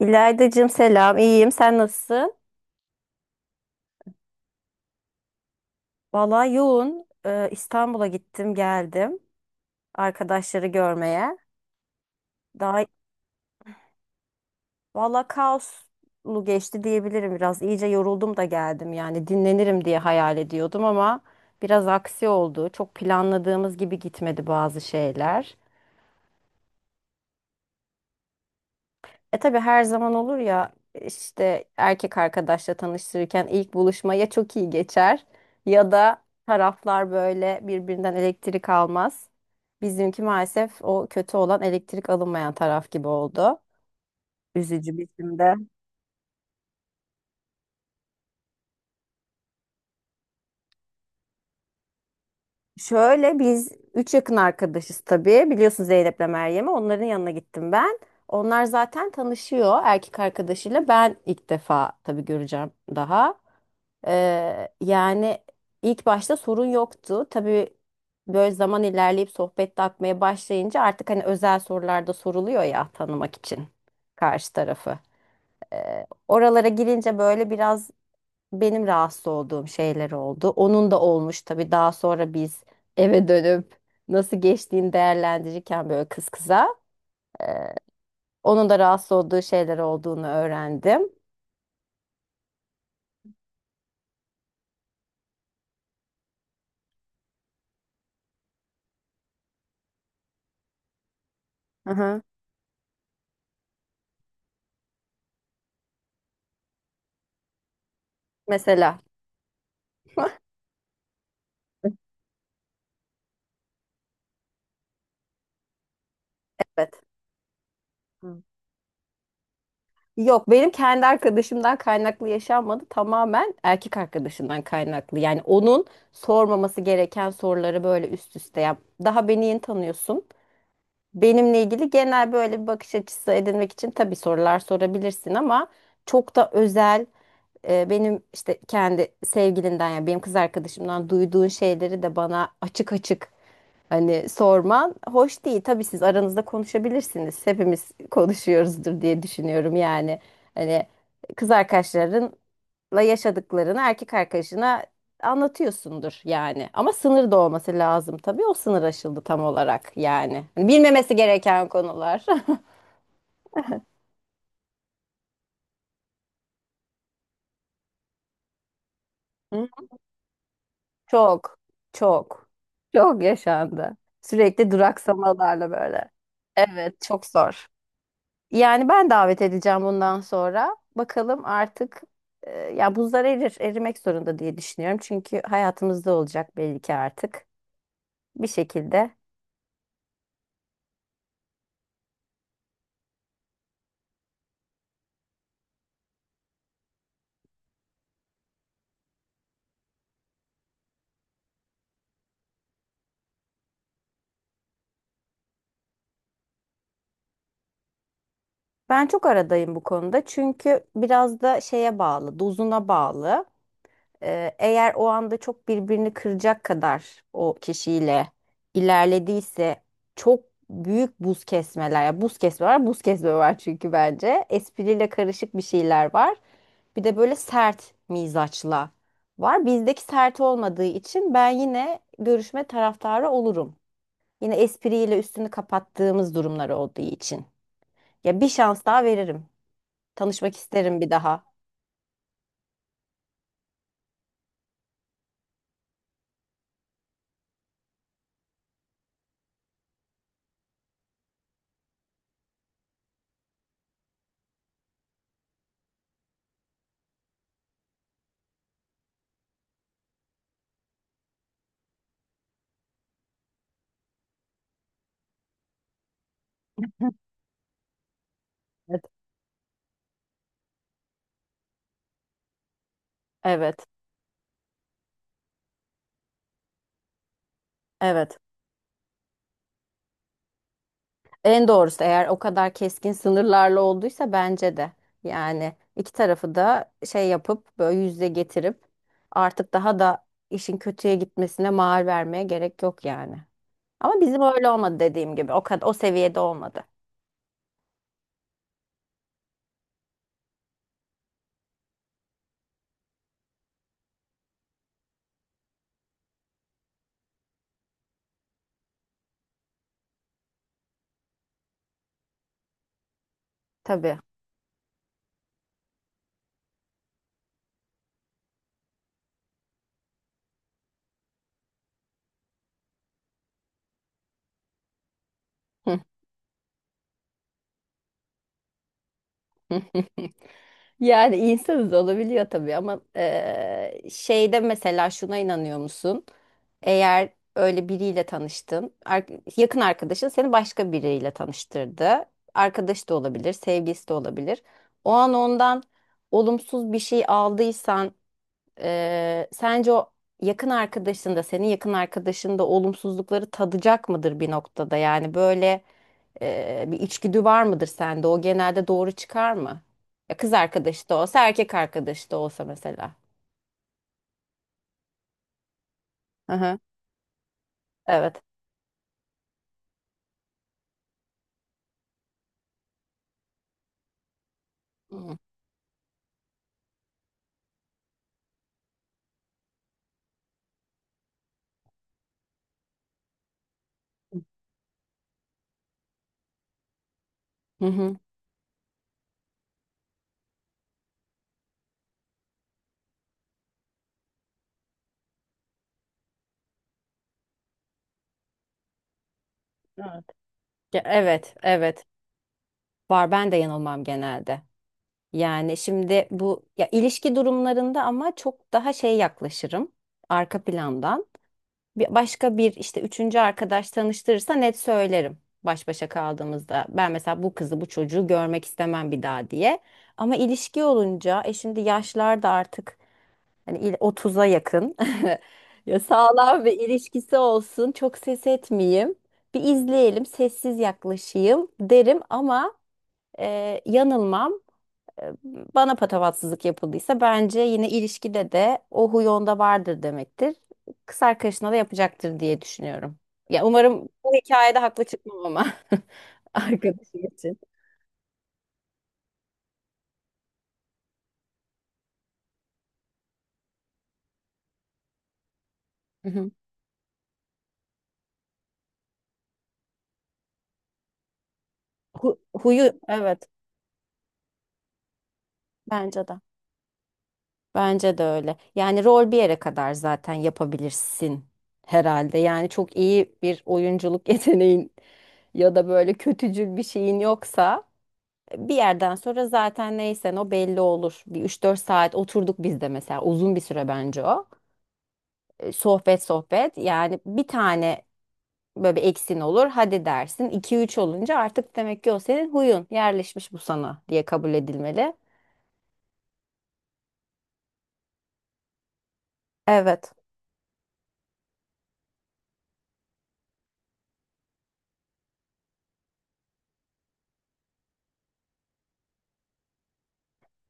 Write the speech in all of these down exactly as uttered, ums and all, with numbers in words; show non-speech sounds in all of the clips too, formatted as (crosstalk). İlaydacığım selam, iyiyim. Sen nasılsın? Vallahi yoğun. Ee, İstanbul'a gittim, geldim. Arkadaşları görmeye. Daha vallahi kaoslu geçti diyebilirim biraz. İyice yoruldum da geldim yani. Dinlenirim diye hayal ediyordum ama biraz aksi oldu. Çok planladığımız gibi gitmedi bazı şeyler. E tabii her zaman olur ya işte erkek arkadaşla tanıştırırken ilk buluşma ya çok iyi geçer ya da taraflar böyle birbirinden elektrik almaz. Bizimki maalesef o kötü olan elektrik alınmayan taraf gibi oldu. Üzücü bizim de. Şöyle biz üç yakın arkadaşız tabii. Biliyorsun Zeynep'le Meryem'i. Onların yanına gittim ben. Onlar zaten tanışıyor erkek arkadaşıyla. Ben ilk defa tabii göreceğim daha. Ee, yani ilk başta sorun yoktu. Tabii böyle zaman ilerleyip sohbet de akmaya başlayınca artık hani özel sorularda soruluyor ya tanımak için karşı tarafı. Ee, oralara girince böyle biraz benim rahatsız olduğum şeyler oldu. Onun da olmuş tabii daha sonra biz eve dönüp nasıl geçtiğini değerlendirirken böyle kız kıza. Onun da rahatsız olduğu şeyler olduğunu öğrendim. Hı hı. Mesela. Evet. Hı. Yok benim kendi arkadaşımdan kaynaklı yaşanmadı. Tamamen erkek arkadaşımdan kaynaklı. Yani onun sormaması gereken soruları böyle üst üste yap. Daha beni yeni tanıyorsun. Benimle ilgili genel böyle bir bakış açısı edinmek için tabii sorular sorabilirsin ama çok da özel, e, benim işte kendi sevgilinden ya benim kız arkadaşımdan duyduğun şeyleri de bana açık açık hani sorman hoş değil. Tabii siz aranızda konuşabilirsiniz. Hepimiz konuşuyoruzdur diye düşünüyorum yani. Hani kız arkadaşlarınla yaşadıklarını erkek arkadaşına anlatıyorsundur yani. Ama sınır da olması lazım tabii. O sınır aşıldı tam olarak yani. Hani bilmemesi gereken konular. (laughs) Çok, çok, çok yaşandı. Sürekli duraksamalarla böyle. Evet, çok zor. Yani ben davet edeceğim bundan sonra. Bakalım artık, e, ya buzlar erir, erimek zorunda diye düşünüyorum. Çünkü hayatımızda olacak belli ki artık. Bir şekilde. Ben çok aradayım bu konuda. Çünkü biraz da şeye bağlı, dozuna bağlı. Ee, eğer o anda çok birbirini kıracak kadar o kişiyle ilerlediyse çok büyük buz kesmeler. Ya buz kesme var, buz kesme var çünkü bence. Espriyle karışık bir şeyler var. Bir de böyle sert mizaçla var. Bizdeki sert olmadığı için ben yine görüşme taraftarı olurum. Yine espriyle üstünü kapattığımız durumlar olduğu için. Ya bir şans daha veririm. Tanışmak isterim bir daha. Evet. Evet. Evet. En doğrusu eğer o kadar keskin sınırlarla olduysa bence de. Yani iki tarafı da şey yapıp böyle yüzde getirip artık daha da işin kötüye gitmesine mahal vermeye gerek yok yani. Ama bizim öyle olmadı dediğim gibi. O kadar o seviyede olmadı. Tabii. (laughs) Yani insanız olabiliyor tabii ama eee, şeyde mesela şuna inanıyor musun? Eğer öyle biriyle tanıştın, ar- yakın arkadaşın seni başka biriyle tanıştırdı. Arkadaş da olabilir, sevgilisi de olabilir. O an ondan olumsuz bir şey aldıysan, eee, sence o yakın arkadaşın da senin yakın arkadaşın da olumsuzlukları tadacak mıdır bir noktada? Yani böyle, e, bir içgüdü var mıdır sende? O genelde doğru çıkar mı? Ya kız arkadaşı da olsa, erkek arkadaşı da olsa mesela. Hı hı. Evet. Hı hı. Hı. Evet. Ya evet, evet. Var ben de yanılmam genelde. Yani şimdi bu ya ilişki durumlarında ama çok daha şey yaklaşırım arka plandan. Bir başka bir işte üçüncü arkadaş tanıştırırsa net söylerim baş başa kaldığımızda. Ben mesela bu kızı bu çocuğu görmek istemem bir daha diye. Ama ilişki olunca e şimdi yaşlar da artık hani il- otuza yakın. (laughs) Ya sağlam ve ilişkisi olsun. Çok ses etmeyeyim. Bir izleyelim, sessiz yaklaşayım derim ama, e, yanılmam bana patavatsızlık yapıldıysa bence yine ilişkide de o huy onda vardır demektir. Kız arkadaşına da yapacaktır diye düşünüyorum. Ya umarım bu hikayede haklı çıkmam ama (laughs) arkadaşım için. Hı hı. Hu- huyu evet, bence de. Bence de öyle. Yani rol bir yere kadar zaten yapabilirsin herhalde. Yani çok iyi bir oyunculuk (laughs) yeteneğin ya da böyle kötücül bir şeyin yoksa bir yerden sonra zaten neysen o belli olur. Bir üç dört saat oturduk biz de mesela uzun bir süre bence o. E, sohbet sohbet yani bir tane böyle bir eksin olur hadi dersin iki üç olunca artık demek ki o senin huyun yerleşmiş bu sana diye kabul edilmeli. Evet,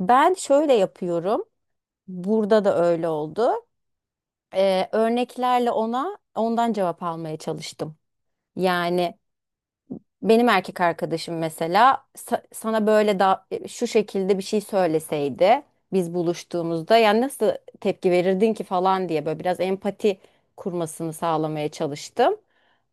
ben şöyle yapıyorum burada da öyle oldu. E, örneklerle ona ondan cevap almaya çalıştım. Yani benim erkek arkadaşım mesela sa- sana böyle da şu şekilde bir şey söyleseydi biz buluştuğumuzda yani nasıl tepki verirdin ki falan diye böyle biraz empati kurmasını sağlamaya çalıştım.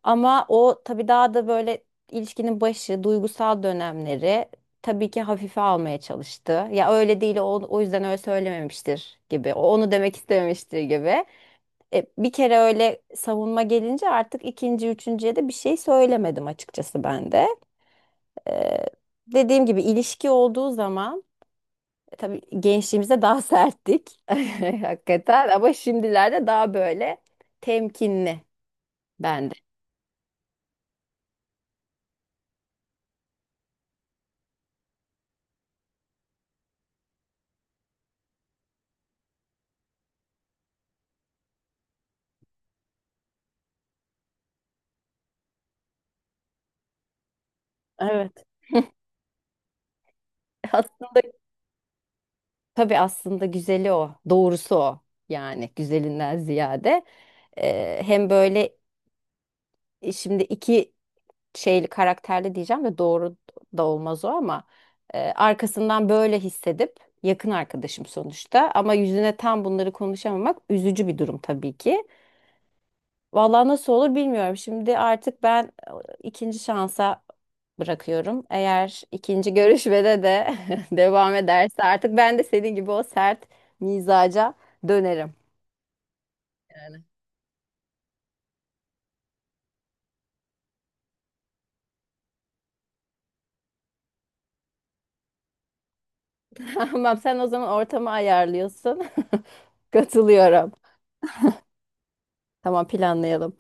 Ama o tabii daha da böyle ilişkinin başı, duygusal dönemleri tabii ki hafife almaya çalıştı. Ya öyle değil o, o yüzden öyle söylememiştir gibi. O onu demek istememiştir gibi. E, bir kere öyle savunma gelince artık ikinci, üçüncüye de bir şey söylemedim açıkçası ben de. Ee, dediğim gibi ilişki olduğu zaman, e, tabii gençliğimizde daha serttik (laughs) hakikaten ama şimdilerde daha böyle temkinli bende. Evet. (laughs) Aslında tabii aslında güzeli o, doğrusu o, yani güzelinden ziyade Ee, hem böyle, e, şimdi iki şeyli karakterli diyeceğim de doğru da olmaz o ama, e, arkasından böyle hissedip yakın arkadaşım sonuçta ama yüzüne tam bunları konuşamamak üzücü bir durum tabii ki. Vallahi nasıl olur bilmiyorum. Şimdi artık ben, e, ikinci şansa bırakıyorum. Eğer ikinci görüşmede de (laughs) devam ederse artık ben de senin gibi o sert mizaca dönerim. Yani. (laughs) Tamam, sen o zaman ortamı ayarlıyorsun. (laughs) Katılıyorum. Tamam, planlayalım.